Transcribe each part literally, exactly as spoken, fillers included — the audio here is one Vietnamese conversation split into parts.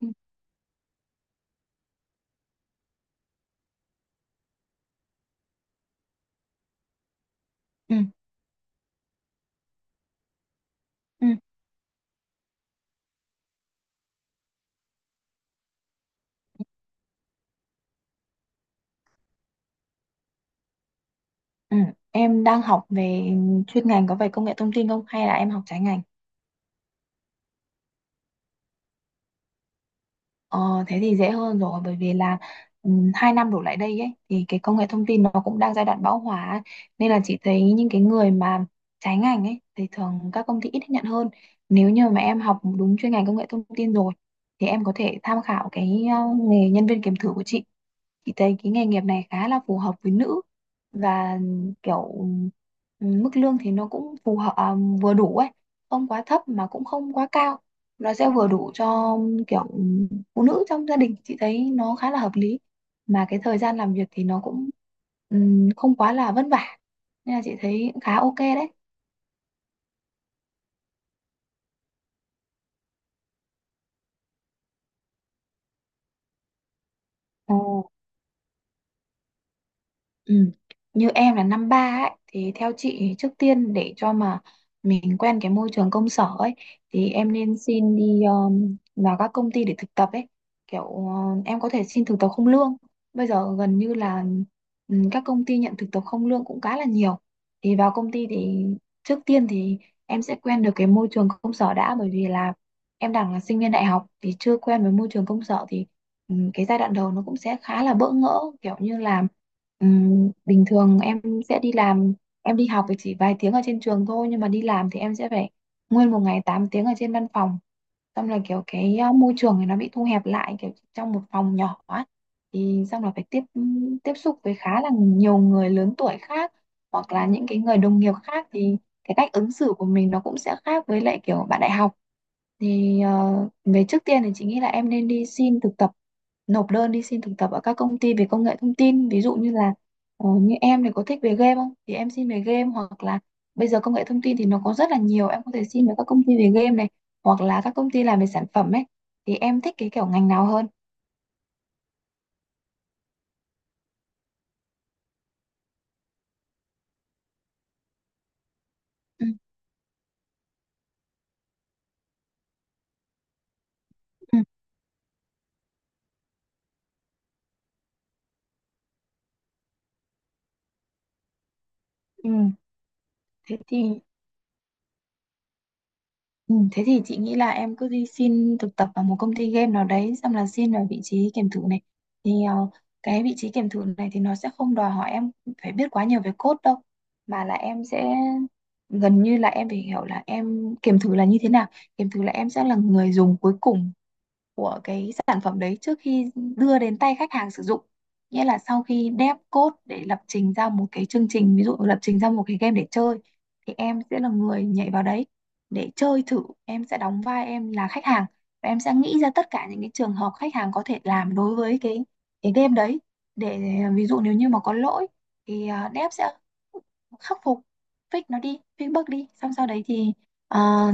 Ừ, ừ, ừ. Ừ. Em đang học về chuyên ngành có về công nghệ thông tin không hay là em học trái ngành? Ờ, thế thì dễ hơn rồi bởi vì là ừ, hai năm đổ lại đây ấy thì cái công nghệ thông tin nó cũng đang giai đoạn bão hòa ấy. Nên là chị thấy những cái người mà trái ngành ấy thì thường các công ty ít nhận hơn. Nếu như mà em học đúng chuyên ngành công nghệ thông tin rồi thì em có thể tham khảo cái ờ, nghề nhân viên kiểm thử của chị. Chị thấy cái nghề nghiệp này khá là phù hợp với nữ, và kiểu ừm, mức lương thì nó cũng phù hợp, à, vừa đủ ấy, không quá thấp mà cũng không quá cao, nó sẽ vừa đủ cho kiểu phụ nữ trong gia đình, chị thấy nó khá là hợp lý. Mà cái thời gian làm việc thì nó cũng ừm, không quá là vất vả, nên là chị thấy khá ok đấy. Ờ. Ừ. Như em là năm ba ấy thì theo chị thì trước tiên để cho mà mình quen cái môi trường công sở ấy thì em nên xin đi, um, vào các công ty để thực tập ấy, kiểu uh, em có thể xin thực tập không lương, bây giờ gần như là ừ, các công ty nhận thực tập không lương cũng khá là nhiều. Thì vào công ty thì trước tiên thì em sẽ quen được cái môi trường công sở đã, bởi vì là em đang là sinh viên đại học thì chưa quen với môi trường công sở thì ừm, cái giai đoạn đầu nó cũng sẽ khá là bỡ ngỡ, kiểu như là ừm, bình thường em sẽ đi làm, em đi học thì chỉ vài tiếng ở trên trường thôi nhưng mà đi làm thì em sẽ phải nguyên một ngày tám tiếng ở trên văn phòng, xong là kiểu cái ờ, môi trường này nó bị thu hẹp lại kiểu trong một phòng nhỏ ấy. Thì xong là phải tiếp tiếp xúc với khá là nhiều người lớn tuổi khác, hoặc là những cái người đồng nghiệp khác, thì cái cách ứng xử của mình nó cũng sẽ khác với lại kiểu bạn đại học. Thì uh, về trước tiên thì chị nghĩ là em nên đi xin thực tập, nộp đơn đi xin thực tập ở các công ty về công nghệ thông tin, ví dụ như là ờ, như em thì có thích về game không thì em xin về game, hoặc là bây giờ công nghệ thông tin thì nó có rất là nhiều, em có thể xin về các công ty về game này, hoặc là các công ty làm về sản phẩm ấy, thì em thích cái kiểu ngành nào hơn? Ừ. Ừ. Ừ. Thế thì Ừ, thế thì chị nghĩ là em cứ đi xin thực tập vào một công ty game nào đấy, xong là xin vào vị trí kiểm thử này. Thì ờ, cái vị trí kiểm thử này thì nó sẽ không đòi hỏi em phải biết quá nhiều về code đâu, mà là em sẽ gần như là em phải hiểu là em kiểm thử là như thế nào. Kiểm thử là em sẽ là người dùng cuối cùng của cái sản phẩm đấy trước khi đưa đến tay khách hàng sử dụng, nghĩa là sau khi dev code để lập trình ra một cái chương trình, ví dụ lập trình ra một cái game để chơi, thì em sẽ là người nhảy vào đấy để chơi thử, em sẽ đóng vai em là khách hàng và em sẽ nghĩ ra tất cả những cái trường hợp khách hàng có thể làm đối với cái cái game đấy, để ví dụ nếu như mà có lỗi thì à, dev sẽ khắc phục, fix nó đi, fix bug đi, xong sau đấy thì Ờ,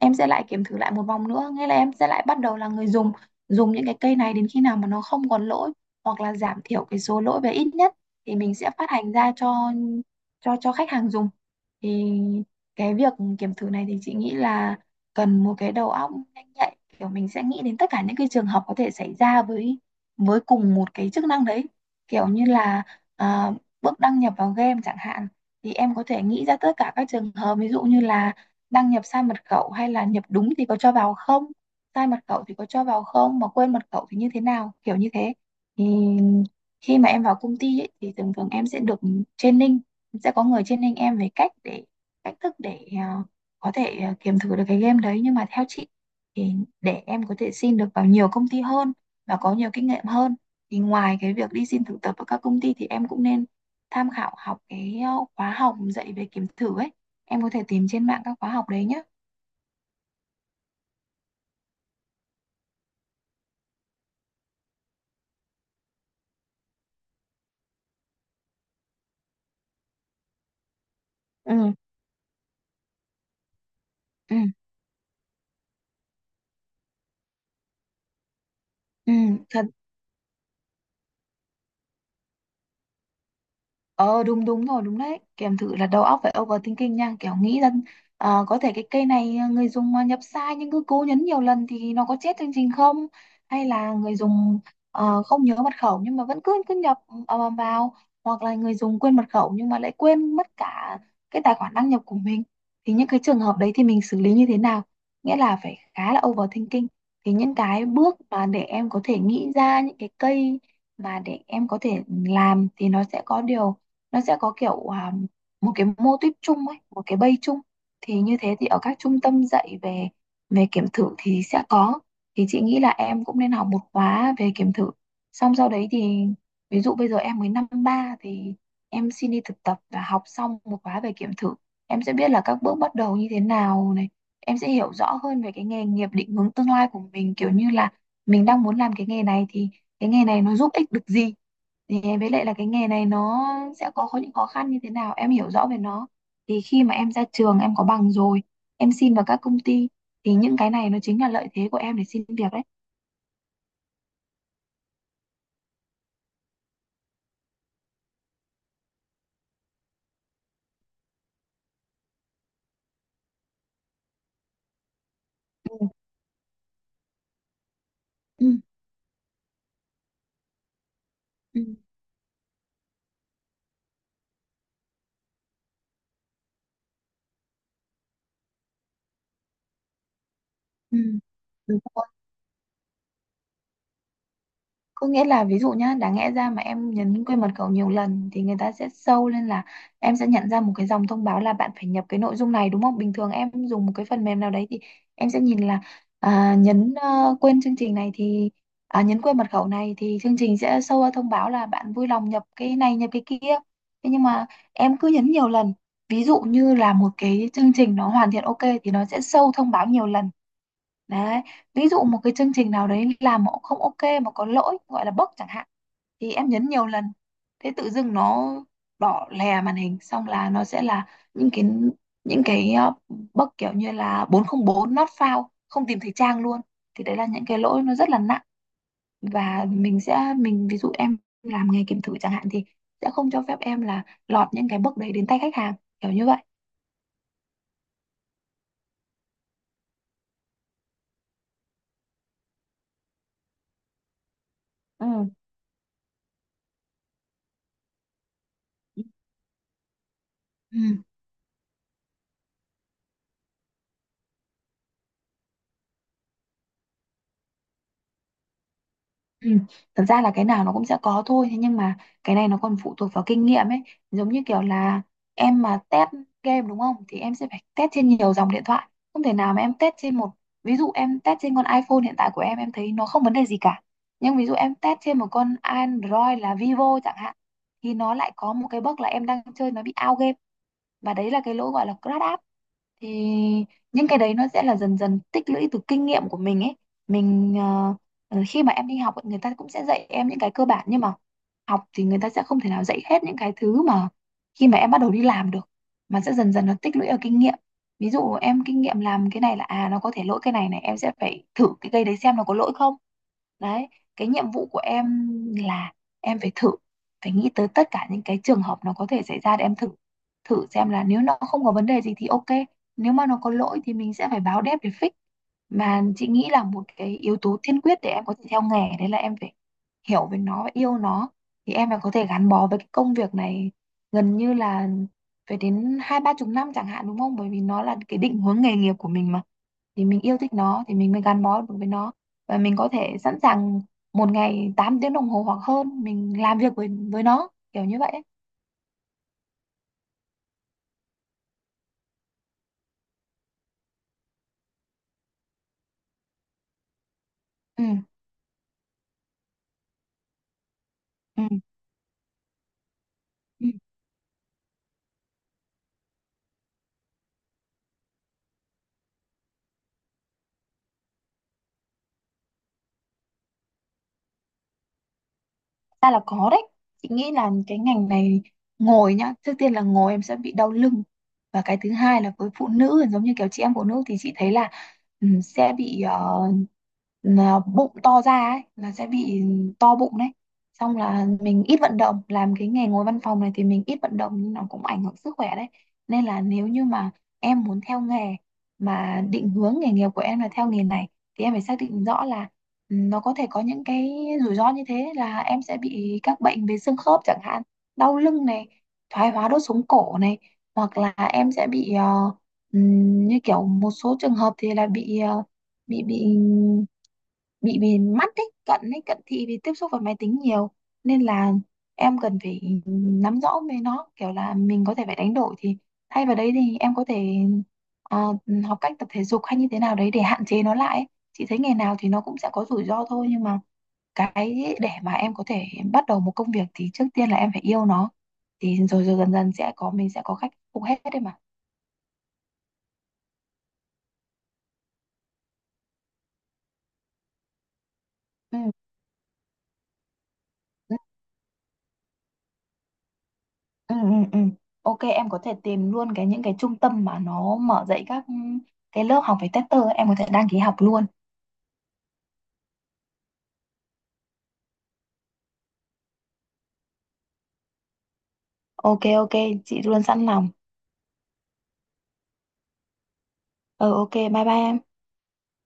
em sẽ lại kiểm thử lại một vòng nữa, nghĩa là em sẽ lại bắt đầu là người dùng, dùng những cái cây này đến khi nào mà nó không còn lỗi hoặc là giảm thiểu cái số lỗi về ít nhất, thì mình sẽ phát hành ra cho cho cho khách hàng dùng. Thì cái việc kiểm thử này thì chị nghĩ là cần một cái đầu óc nhanh nhạy, kiểu mình sẽ nghĩ đến tất cả những cái trường hợp có thể xảy ra với với cùng một cái chức năng đấy, kiểu như là à, bước đăng nhập vào game chẳng hạn, thì em có thể nghĩ ra tất cả các trường hợp, ví dụ như là đăng nhập sai mật khẩu, hay là nhập đúng thì có cho vào không, sai mật khẩu thì có cho vào không, mà quên mật khẩu thì như thế nào, kiểu như thế. Thì khi mà em vào công ty ấy, thì thường thường em sẽ được training, sẽ có người training em về cách để, cách thức để à, có thể à, kiểm thử được cái game đấy. Nhưng mà theo chị thì để em có thể xin được vào nhiều công ty hơn và có nhiều kinh nghiệm hơn, thì ngoài cái việc đi xin thực tập ở các công ty thì em cũng nên tham khảo học cái à, khóa học dạy về kiểm thử ấy, em có thể tìm trên mạng các khóa học đấy nhé. Ừ. Ừ. Ừ. Thật. Ờ, đúng, đúng rồi, đúng đấy, kèm thử là đầu óc phải overthinking nha, kiểu nghĩ rằng ờ, có thể cái cây này ờ, người dùng ờ, nhập sai nhưng cứ cố nhấn nhiều lần thì nó có chết chương trình không, hay là người dùng ờ, không nhớ mật khẩu nhưng mà vẫn cứ cứ nhập ờ, vào, hoặc là người dùng quên mật khẩu nhưng mà lại quên mất cả cái tài khoản đăng nhập của mình, thì những cái trường hợp đấy thì mình xử lý như thế nào, nghĩa là phải khá là overthinking. Thì những cái bước mà để em có thể nghĩ ra những cái cây mà để em có thể làm thì nó sẽ có điều, nó sẽ có kiểu à, một cái mô típ chung ấy, một cái bay chung, thì như thế thì ở các trung tâm dạy về về kiểm thử thì sẽ có. Thì chị nghĩ là em cũng nên học một khóa về kiểm thử, xong sau đấy thì ví dụ bây giờ em mới năm ba thì em xin đi thực tập và học xong một khóa về kiểm thử, em sẽ biết là các bước bắt đầu như thế nào này, em sẽ hiểu rõ hơn về cái nghề nghiệp định hướng tương lai của mình, kiểu như là mình đang muốn làm cái nghề này thì cái nghề này nó giúp ích được gì, thì với lại là cái nghề này nó sẽ có có những khó khăn như thế nào, em hiểu rõ về nó, thì khi mà em ra trường em có bằng rồi, em xin vào các công ty, thì những cái này nó chính là lợi thế của em để xin việc đấy. Ừ, ừ, ừ. Ừ. Đúng. Có nghĩa là ví dụ nhá, đáng lẽ ra mà em nhấn quên mật khẩu nhiều lần thì người ta sẽ show lên là, em sẽ nhận ra một cái dòng thông báo là bạn phải nhập cái nội dung này đúng không? Bình thường em dùng một cái phần mềm nào đấy thì em sẽ nhìn là à, nhấn ờ, quên chương trình này thì, à, nhấn quên mật khẩu này thì chương trình sẽ show ra thông báo là bạn vui lòng nhập cái này nhập cái kia. Thế nhưng mà em cứ nhấn nhiều lần. Ví dụ như là một cái chương trình nó hoàn thiện ok thì nó sẽ show thông báo nhiều lần. Đấy, ví dụ một cái chương trình nào đấy làm mà không ok, mà có lỗi gọi là bug chẳng hạn, thì em nhấn nhiều lần, thế tự dưng nó đỏ lè màn hình, xong là nó sẽ là những cái, những cái ờ, bug kiểu như là bốn không bốn, not found, không tìm thấy trang luôn, thì đấy là những cái lỗi nó rất là nặng, và mình sẽ, mình ví dụ em làm nghề kiểm thử chẳng hạn thì sẽ không cho phép em là lọt những cái bug đấy đến tay khách hàng, kiểu như vậy. Ừ. Ừ. Ừ. Thật ra là cái nào nó cũng sẽ có thôi, thế nhưng mà cái này nó còn phụ thuộc vào kinh nghiệm ấy, giống như kiểu là em mà test game đúng không, thì em sẽ phải test trên nhiều dòng điện thoại, không thể nào mà em test trên một, ví dụ em test trên con iPhone hiện tại của em em thấy nó không vấn đề gì cả, nhưng ví dụ em test trên một con Android là Vivo chẳng hạn thì nó lại có một cái bug là em đang chơi nó bị out game, và đấy là cái lỗi gọi là crash app. Thì những cái đấy nó sẽ là dần dần tích lũy từ kinh nghiệm của mình ấy. Mình ờ, ờ, khi mà em đi học ấy, người ta cũng sẽ dạy em những cái cơ bản, nhưng mà học thì người ta sẽ không thể nào dạy hết những cái thứ mà khi mà em bắt đầu đi làm được, mà sẽ dần dần nó tích lũy ở kinh nghiệm. Ví dụ em kinh nghiệm làm cái này là à nó có thể lỗi cái này này, em sẽ phải thử cái cây đấy xem nó có lỗi không. Đấy, cái nhiệm vụ của em là em phải thử, phải nghĩ tới tất cả những cái trường hợp nó có thể xảy ra để em thử. Thử xem là nếu nó không có vấn đề gì thì ok, nếu mà nó có lỗi thì mình sẽ phải báo dev để fix. Mà chị nghĩ là một cái yếu tố tiên quyết để em có thể theo nghề đấy là em phải hiểu về nó và yêu nó. Thì em phải có thể gắn bó với cái công việc này gần như là phải đến hai ba chục năm chẳng hạn, đúng không? Bởi vì nó là cái định hướng nghề nghiệp của mình mà, thì mình yêu thích nó thì mình mới gắn bó được với nó, và mình có thể sẵn sàng một ngày tám tiếng đồng hồ hoặc hơn mình làm việc với với nó kiểu như vậy ấy. Ừ, ừ, ừ, ra là có đấy. Chị nghĩ là cái ngành này, ngồi nhá, trước tiên là ngồi em sẽ bị đau lưng, và cái thứ hai là với phụ nữ, giống như kiểu chị em phụ nữ thì chị thấy là ừm, sẽ bị ờ, là bụng to ra ấy, là sẽ bị to bụng đấy. Xong là mình ít vận động, làm cái nghề ngồi văn phòng này thì mình ít vận động, nhưng nó cũng ảnh hưởng sức khỏe đấy. Nên là nếu như mà em muốn theo nghề, mà định hướng nghề nghiệp của em là theo nghề này, thì em phải xác định rõ là, ừ, nó có thể có những cái rủi ro như thế, là em sẽ bị các bệnh về xương khớp chẳng hạn, đau lưng này, thoái hóa đốt sống cổ này, hoặc là em sẽ bị ờ, ừm, như kiểu một số trường hợp thì là bị ờ, bị bị bị về mắt ấy, cận ấy, cận thị vì tiếp xúc với máy tính nhiều. Nên là em cần phải nắm rõ về nó, kiểu là mình có thể phải đánh đổi, thì thay vào đấy thì em có thể ờ, học cách tập thể dục hay như thế nào đấy để hạn chế nó lại ấy. Chị thấy nghề nào thì nó cũng sẽ có rủi ro thôi, nhưng mà cái để mà em có thể bắt đầu một công việc thì trước tiên là em phải yêu nó, thì rồi rồi dần dần sẽ có, mình sẽ có khách phục hết đấy mà. Ừ. Ừ, ừ, ừ. Ok, em có thể tìm luôn cái những cái trung tâm mà nó mở dạy các cái lớp học về tester ấy, em có thể đăng ký học luôn. Ok, ok, chị luôn sẵn lòng. Ừ, ok, bye bye em.